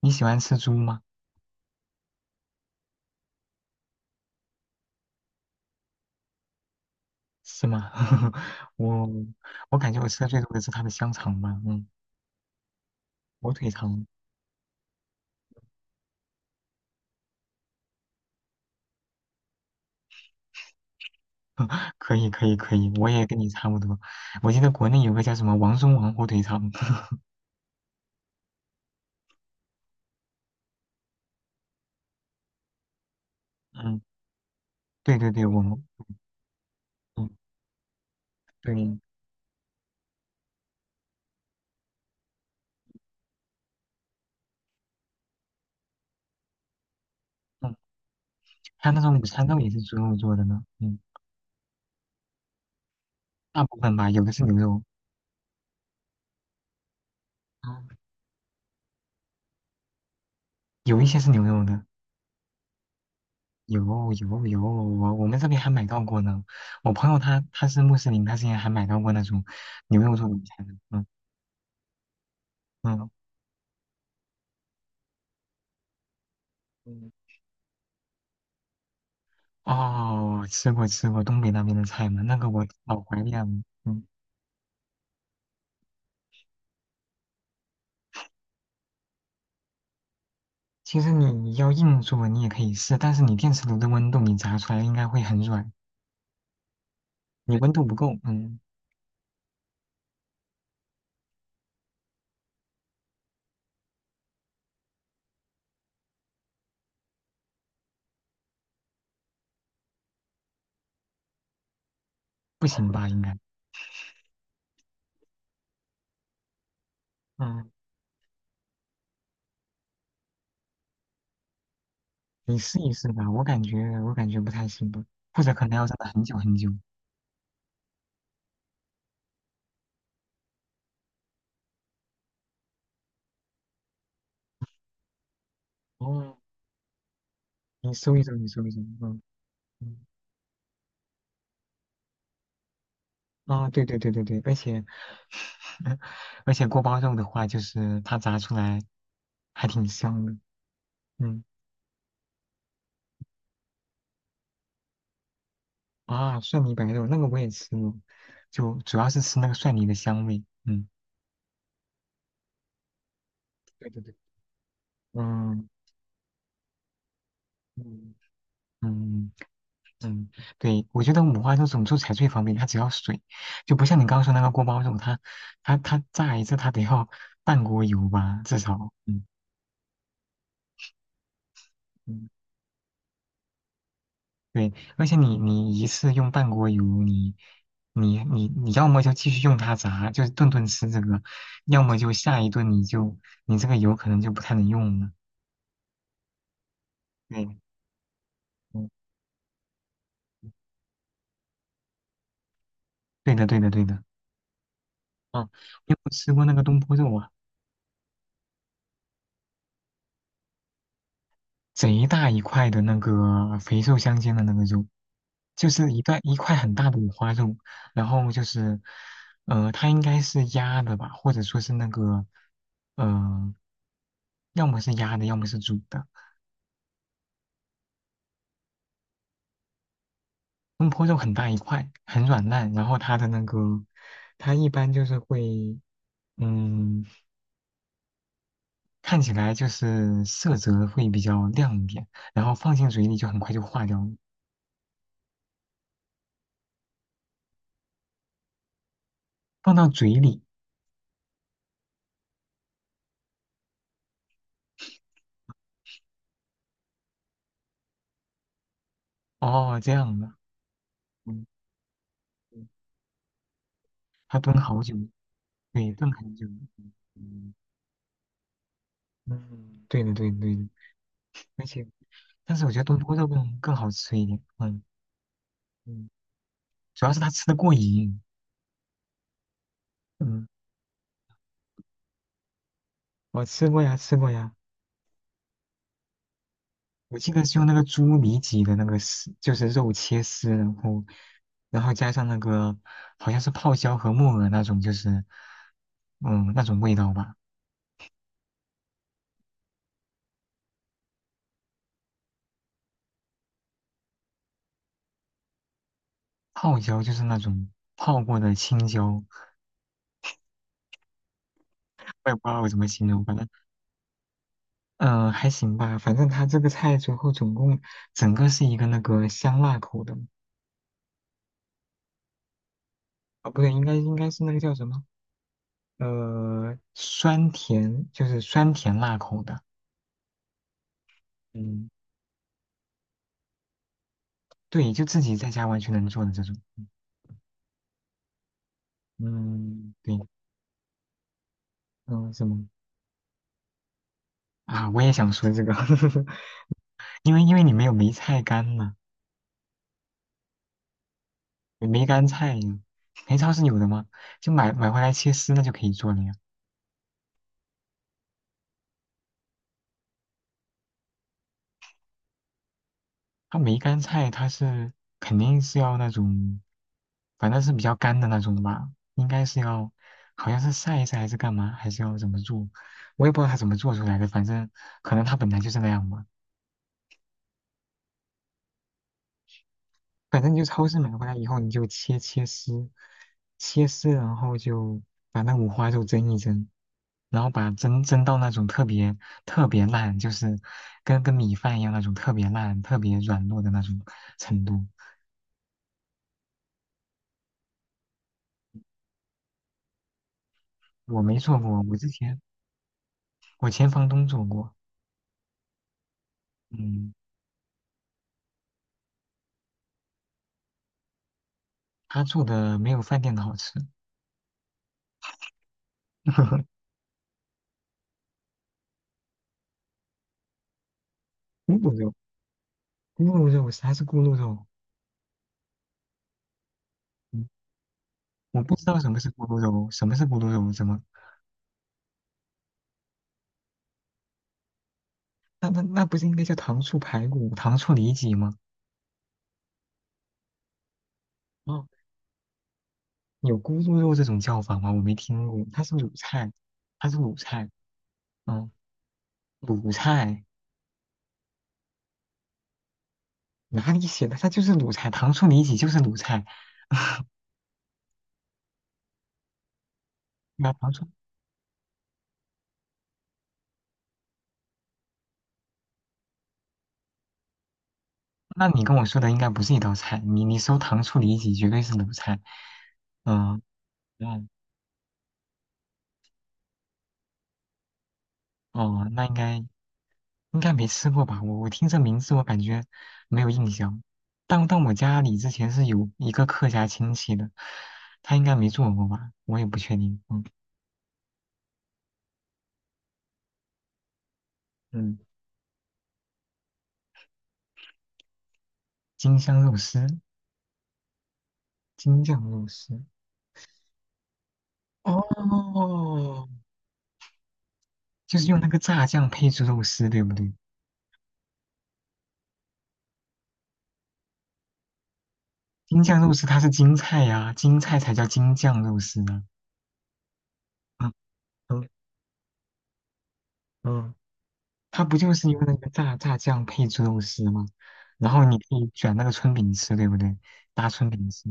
你喜欢吃猪吗？是吗？我我感觉我吃的最多的是它的香肠吧，火腿肠可以可以可以，我也跟你差不多。我记得国内有个叫什么王中王火腿肠。嗯，对对对，嗯，对，嗯，还有那种午餐肉也是猪肉做的呢，大部分吧，有的是牛肉。嗯有一些是牛肉的。有有有，我们这边还买到过呢。我朋友他是穆斯林，他之前还买到过那种牛肉做的午餐的。嗯嗯。嗯。哦，吃过吃过东北那边的菜嘛，那个我老怀念了。嗯，其实你要硬做你也可以试，但是你电磁炉的温度你炸出来应该会很软，你温度不够。嗯。不行吧应该。嗯，你试一试吧，我感觉不太行吧。或者可能要炸很久很久。哦，你搜一搜，你搜一搜。嗯嗯，啊，对对对对对。而且锅包肉的话，就是它炸出来还挺香的。嗯。啊，蒜泥白肉那个我也吃过，就主要是吃那个蒜泥的香味。嗯，对对对，嗯嗯，嗯嗯，对，我觉得五花肉怎么做才最方便，它只要水，就不像你刚刚说那个锅包肉，它炸一次它得要半锅油吧，至少。嗯嗯，对，而且你一次用半锅油，你要么就继续用它炸，就是顿顿吃这个，要么就下一顿你这个油可能就不太能用了。对，嗯。对的，对的，对的。嗯，你有没有吃过那个东坡肉啊？贼大一块的那个肥瘦相间的那个肉，就是一块很大的五花肉，然后就是，它应该是鸭的吧，或者说是那个，呃，要么是鸭的，要么是煮的。东坡肉很大一块，很软烂，然后它的那个，它一般就是会，嗯，看起来就是色泽会比较亮一点，然后放进嘴里就很快就化掉了。放到嘴里。哦，这样的。嗯还炖好久，对，炖很久。嗯，对的，对的，对的。而且，但是我觉得东坡肉更好吃一点。嗯。嗯主要是它吃的过瘾。嗯，我吃过呀，吃过呀。我记得是用那个猪里脊的那个丝，就是肉切丝，然后，加上那个好像是泡椒和木耳那种，就是，那种味道吧。泡椒就是那种泡过的青椒。我也不知道我怎么形容，反正还行吧，反正它这个菜最后总共整个是一个那个香辣口的。啊不对，应该应该是那个叫什么酸甜，就是酸甜辣口的。嗯，对，就自己在家完全能做的这种。嗯，对。嗯，什么啊？我也想说这个。因为你没有梅菜干嘛。梅干菜呀，梅超是有的吗？就买回来切丝那就可以做了呀。梅干菜它是肯定是要那种，反正是比较干的那种的吧，应该是要，好像是晒一晒还是干嘛，还是要怎么做，我也不知道它怎么做出来的，反正可能它本来就是那样吧。反正你就超市买回来以后，你就切切丝，切丝，然后就把那五花肉蒸一蒸，然后把蒸到那种特别特别烂，就是跟米饭一样那种特别烂、特别软糯的那种程度。我没做过，我之前。我前房东做过。嗯，他做的没有饭店的好吃。咕噜肉，咕噜肉，啥是咕噜肉？嗯，我不知道什么是咕噜肉，什么是咕噜肉？怎么？那不是应该叫糖醋排骨、糖醋里脊吗？哦，有咕噜肉这种叫法吗？我没听过，它是卤菜，它是卤菜，嗯，卤菜。哪里写的？它就是卤菜，糖醋里脊就是卤菜。那糖醋，那你跟我说的应该不是一道菜，你搜糖醋里脊绝对是卤菜。嗯。嗯哦，那应该没吃过吧？我听这名字，我感觉没有印象。但我家里之前是有一个客家亲戚的，他应该没做过吧？我也不确定。嗯。嗯，京香肉丝，京酱肉丝。哦，就是用那个炸酱配制肉丝，对不对？京酱肉丝它是京菜呀、京菜才叫京酱肉丝呢。嗯嗯嗯。它不就是用那个炸酱配猪肉丝吗？然后你可以卷那个春饼吃，对不对？搭春饼吃。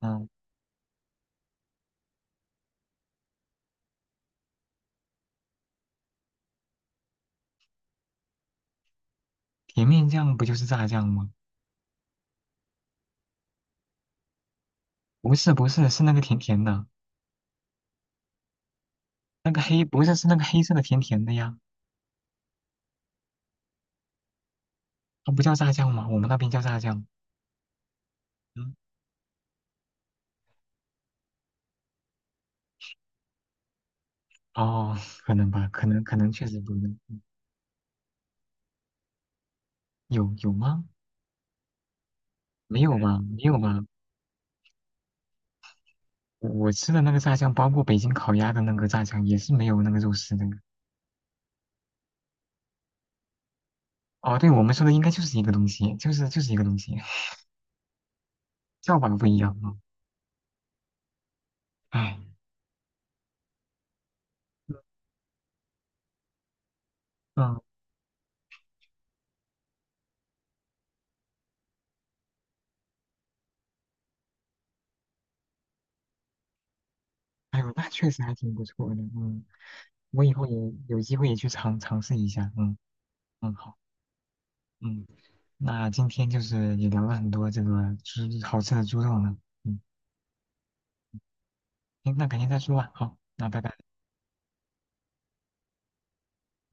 嗯。甜面酱不就是炸酱吗？不是不是，是那个甜甜的，那个黑不是是那个黑色的甜甜的呀，它不叫炸酱吗？我们那边叫炸酱。嗯。哦，可能吧，可能可能确实不一样。有有吗？没有吧，没有吧。我吃的那个炸酱，包括北京烤鸭的那个炸酱，也是没有那个肉丝的。哦，对，我们说的应该就是一个东西，就是一个东西。叫法不一样啊。哎。嗯。哎呦，那确实还挺不错的。嗯，我以后也有机会也去尝尝试一下。嗯。嗯，好，嗯，那今天就是也聊了很多这个猪好吃的猪肉呢。嗯，行，那改天再说吧。好，那拜拜。